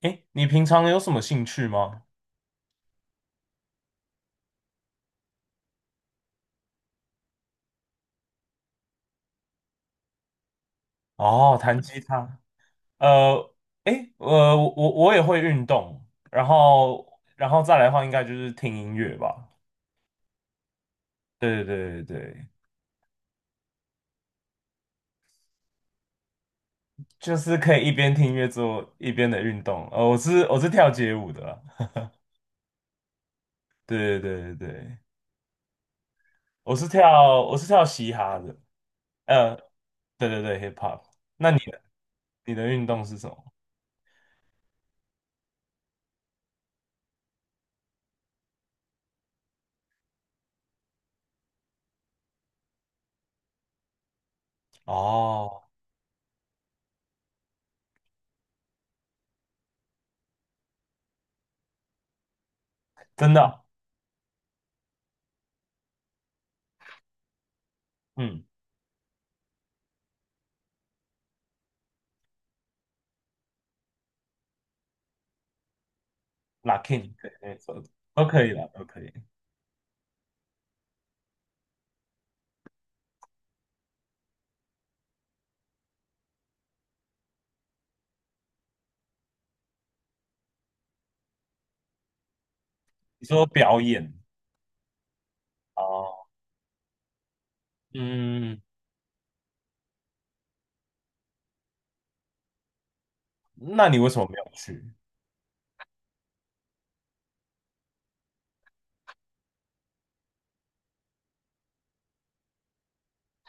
诶，你平常有什么兴趣吗？哦，弹吉他。呃，诶，我也会运动，然后再来的话，应该就是听音乐吧。对对对对，就是可以一边听音乐做一边的运动。我是跳街舞的啦，对对对对，我是跳嘻哈的，呃，对对对，hip hop。那你的运动是什么？哦，真的哦嗯 Lucky 对，没错，都可以啦，都可以。你说表演？哦，嗯，那你为什么没有去？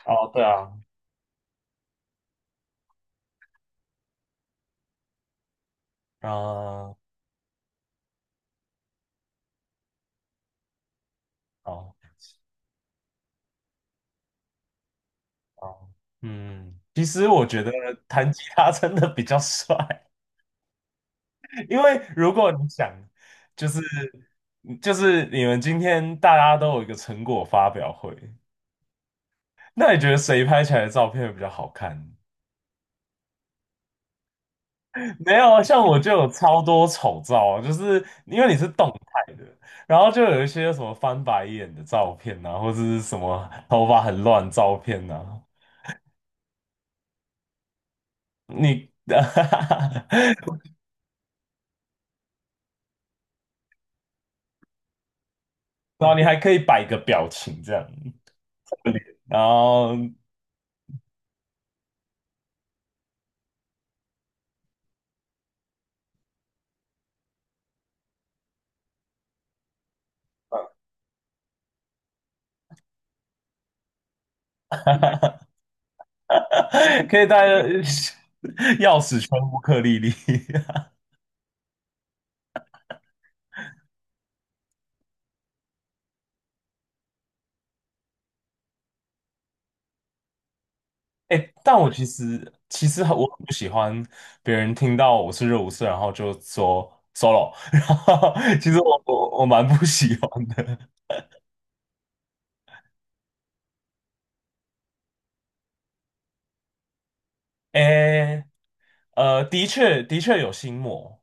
哦，对啊，啊、哦哦，其实我觉得弹吉他真的比较帅，因为如果你想，就是就是你们今天大家都有一个成果发表会，那你觉得谁拍起来的照片会比较好看？没有，啊，像我就有超多丑照啊，就是因为你是动态的，然后就有一些什么翻白眼的照片啊，或者是什么头发很乱的照片啊，你，然后你还可以摆个表情这样，然后 可以带 钥匙圈乌克丽丽。哎，但我其实很不喜欢别人听到我是热舞社，然后就说 solo，然后其实我蛮不喜欢的。哎，的确的确有心魔，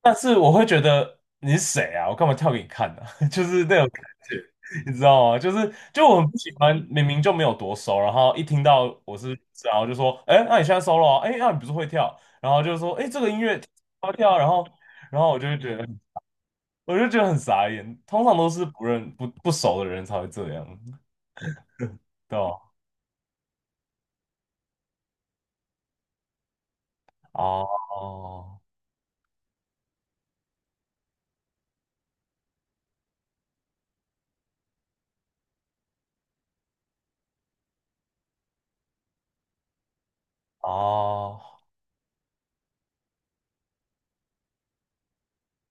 但是我会觉得你是谁啊？我干嘛跳给你看呢、就是那种感觉，你知道吗？就是就我很不喜欢，明明就没有多熟，然后一听到我是，然后就说，哎，那你现在 solo 啊？哎，那你不是会跳？然后就说，哎，这个音乐好跳啊，然后我就会觉得。我就觉得很傻眼，通常都是不认不不熟的人才会这样，对吧？哦哦哦，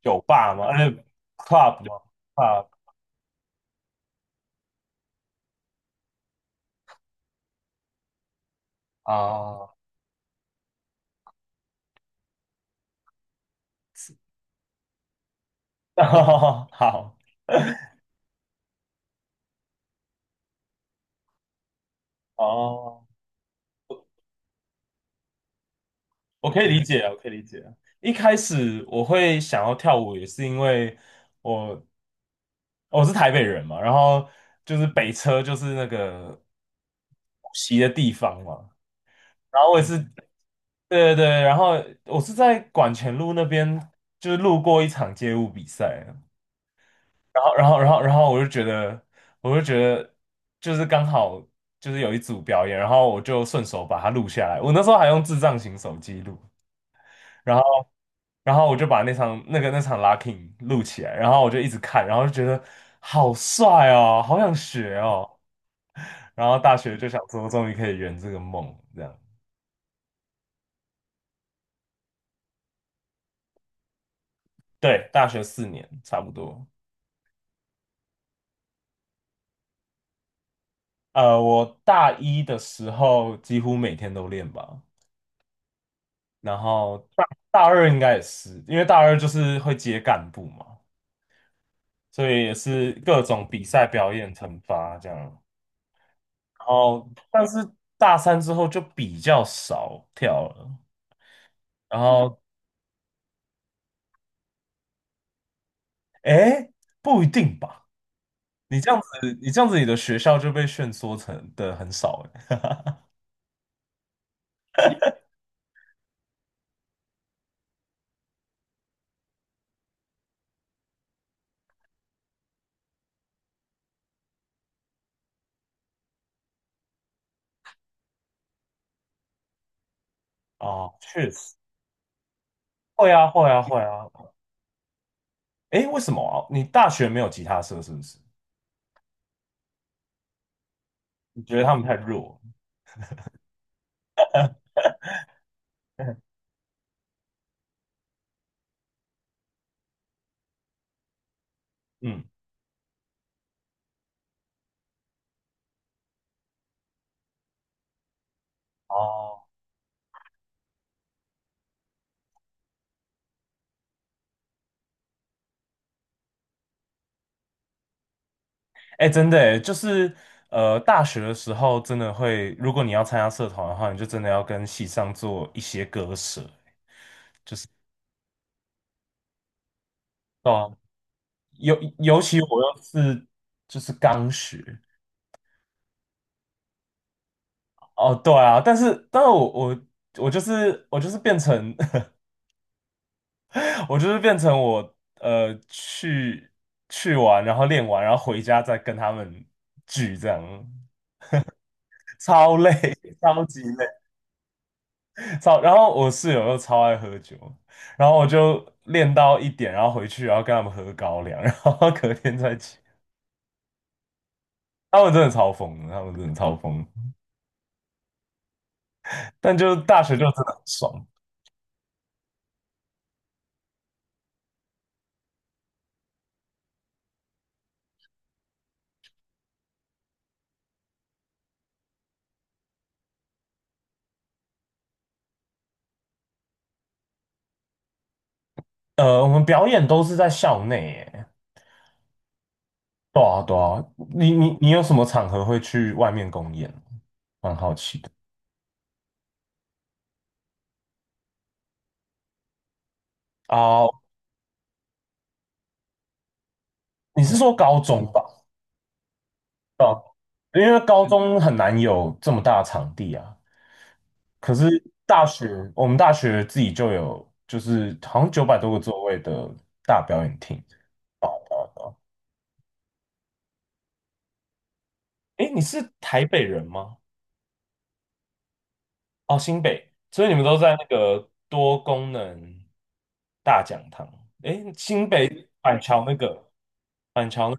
酒吧吗？哎 club 吗？club 啊，好哦，我我可以理解啊我可以理解啊一开始我会想要跳舞，也是因为我我是台北人嘛，然后就是北车就是那个补习的地方嘛，然后我也是，对对对，然后我是在管前路那边，就是路过一场街舞比赛，然后我就觉得，我就觉得就是刚好就是有一组表演，然后我就顺手把它录下来，我那时候还用智障型手机录，然后然后我就把那场 locking 录起来，然后我就一直看，然后就觉得好帅哦，好想学哦，然后大学就想说终于可以圆这个梦，这样，对，大学4年差不多。我大一的时候几乎每天都练吧，然后大二应该也是，因为大二就是会接干部嘛，所以也是各种比赛、表演、惩罚这样。然后，但是大三之后就比较少跳了。然后，哎，不一定吧？你这样子，你这样子，你的学校就被限缩成的很少诶。哦，确实，会啊，会啊，会啊。哎，为什么啊？你大学没有吉他社是不是？你觉得他们太弱？嗯。哦，哎，真的诶，就是大学的时候真的会，如果你要参加社团的话，你就真的要跟系上做一些割舍，对啊，尤其我又是就是刚学，哦，对啊，但是我就是变成 我就是变成我呃去去玩，然后练完，然后回家再跟他们聚，这样超累，超级累。超，然后我室友又超爱喝酒，然后我就练到1点，然后回去，然后跟他们喝高粱，然后隔天再起。他们真的超疯的他们真的超疯，但就是大学就真的很爽。我们表演都是在校内，耶，对啊对啊。你有什么场合会去外面公演？蛮好奇的啊，你是说高中吧？因为高中很难有这么大的场地啊。可是大学，我们大学自己就有，就是好像900多个座位的大表演厅。诶，你是台北人吗？哦，新北，所以你们都在那个多功能大讲堂。诶，新北板桥那个，板桥那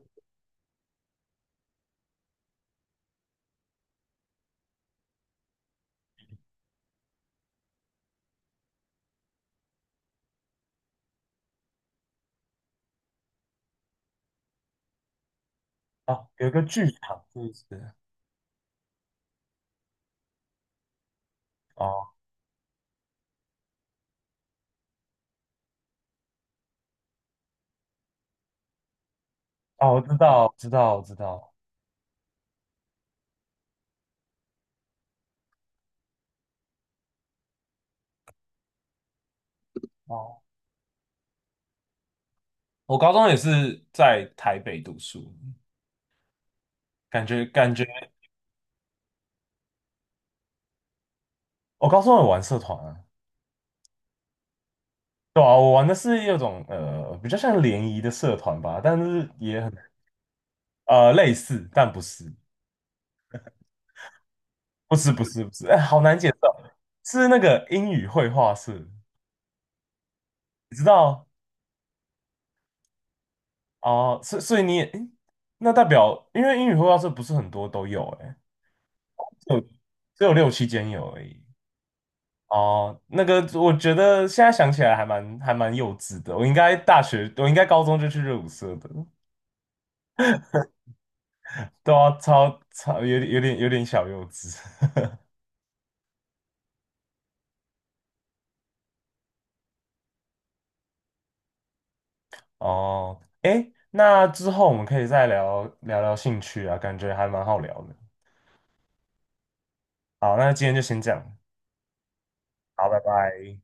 哦，有一个剧场，是不是？哦哦，我知道，知道，我知道。哦，我高中也是在台北读书，感觉感觉，我高中有玩社团啊。对啊，我玩的是一种比较像联谊的社团吧，但是也很类似，但不是，不是，不是，不是，哎，好难解释哦，是那个英语绘画社，你知道哦，所、所以你也，诶那代表因为英语绘画社不是很多都有、欸，哎，只有只有六七间有而已。哦，那个我觉得现在想起来还蛮幼稚的，我应该大学，我应该高中就去热舞社的，对啊，超有点小幼稚。哦，诶，那之后我们可以再聊聊兴趣啊，感觉还蛮好聊的。好，那今天就先这样，好，拜拜。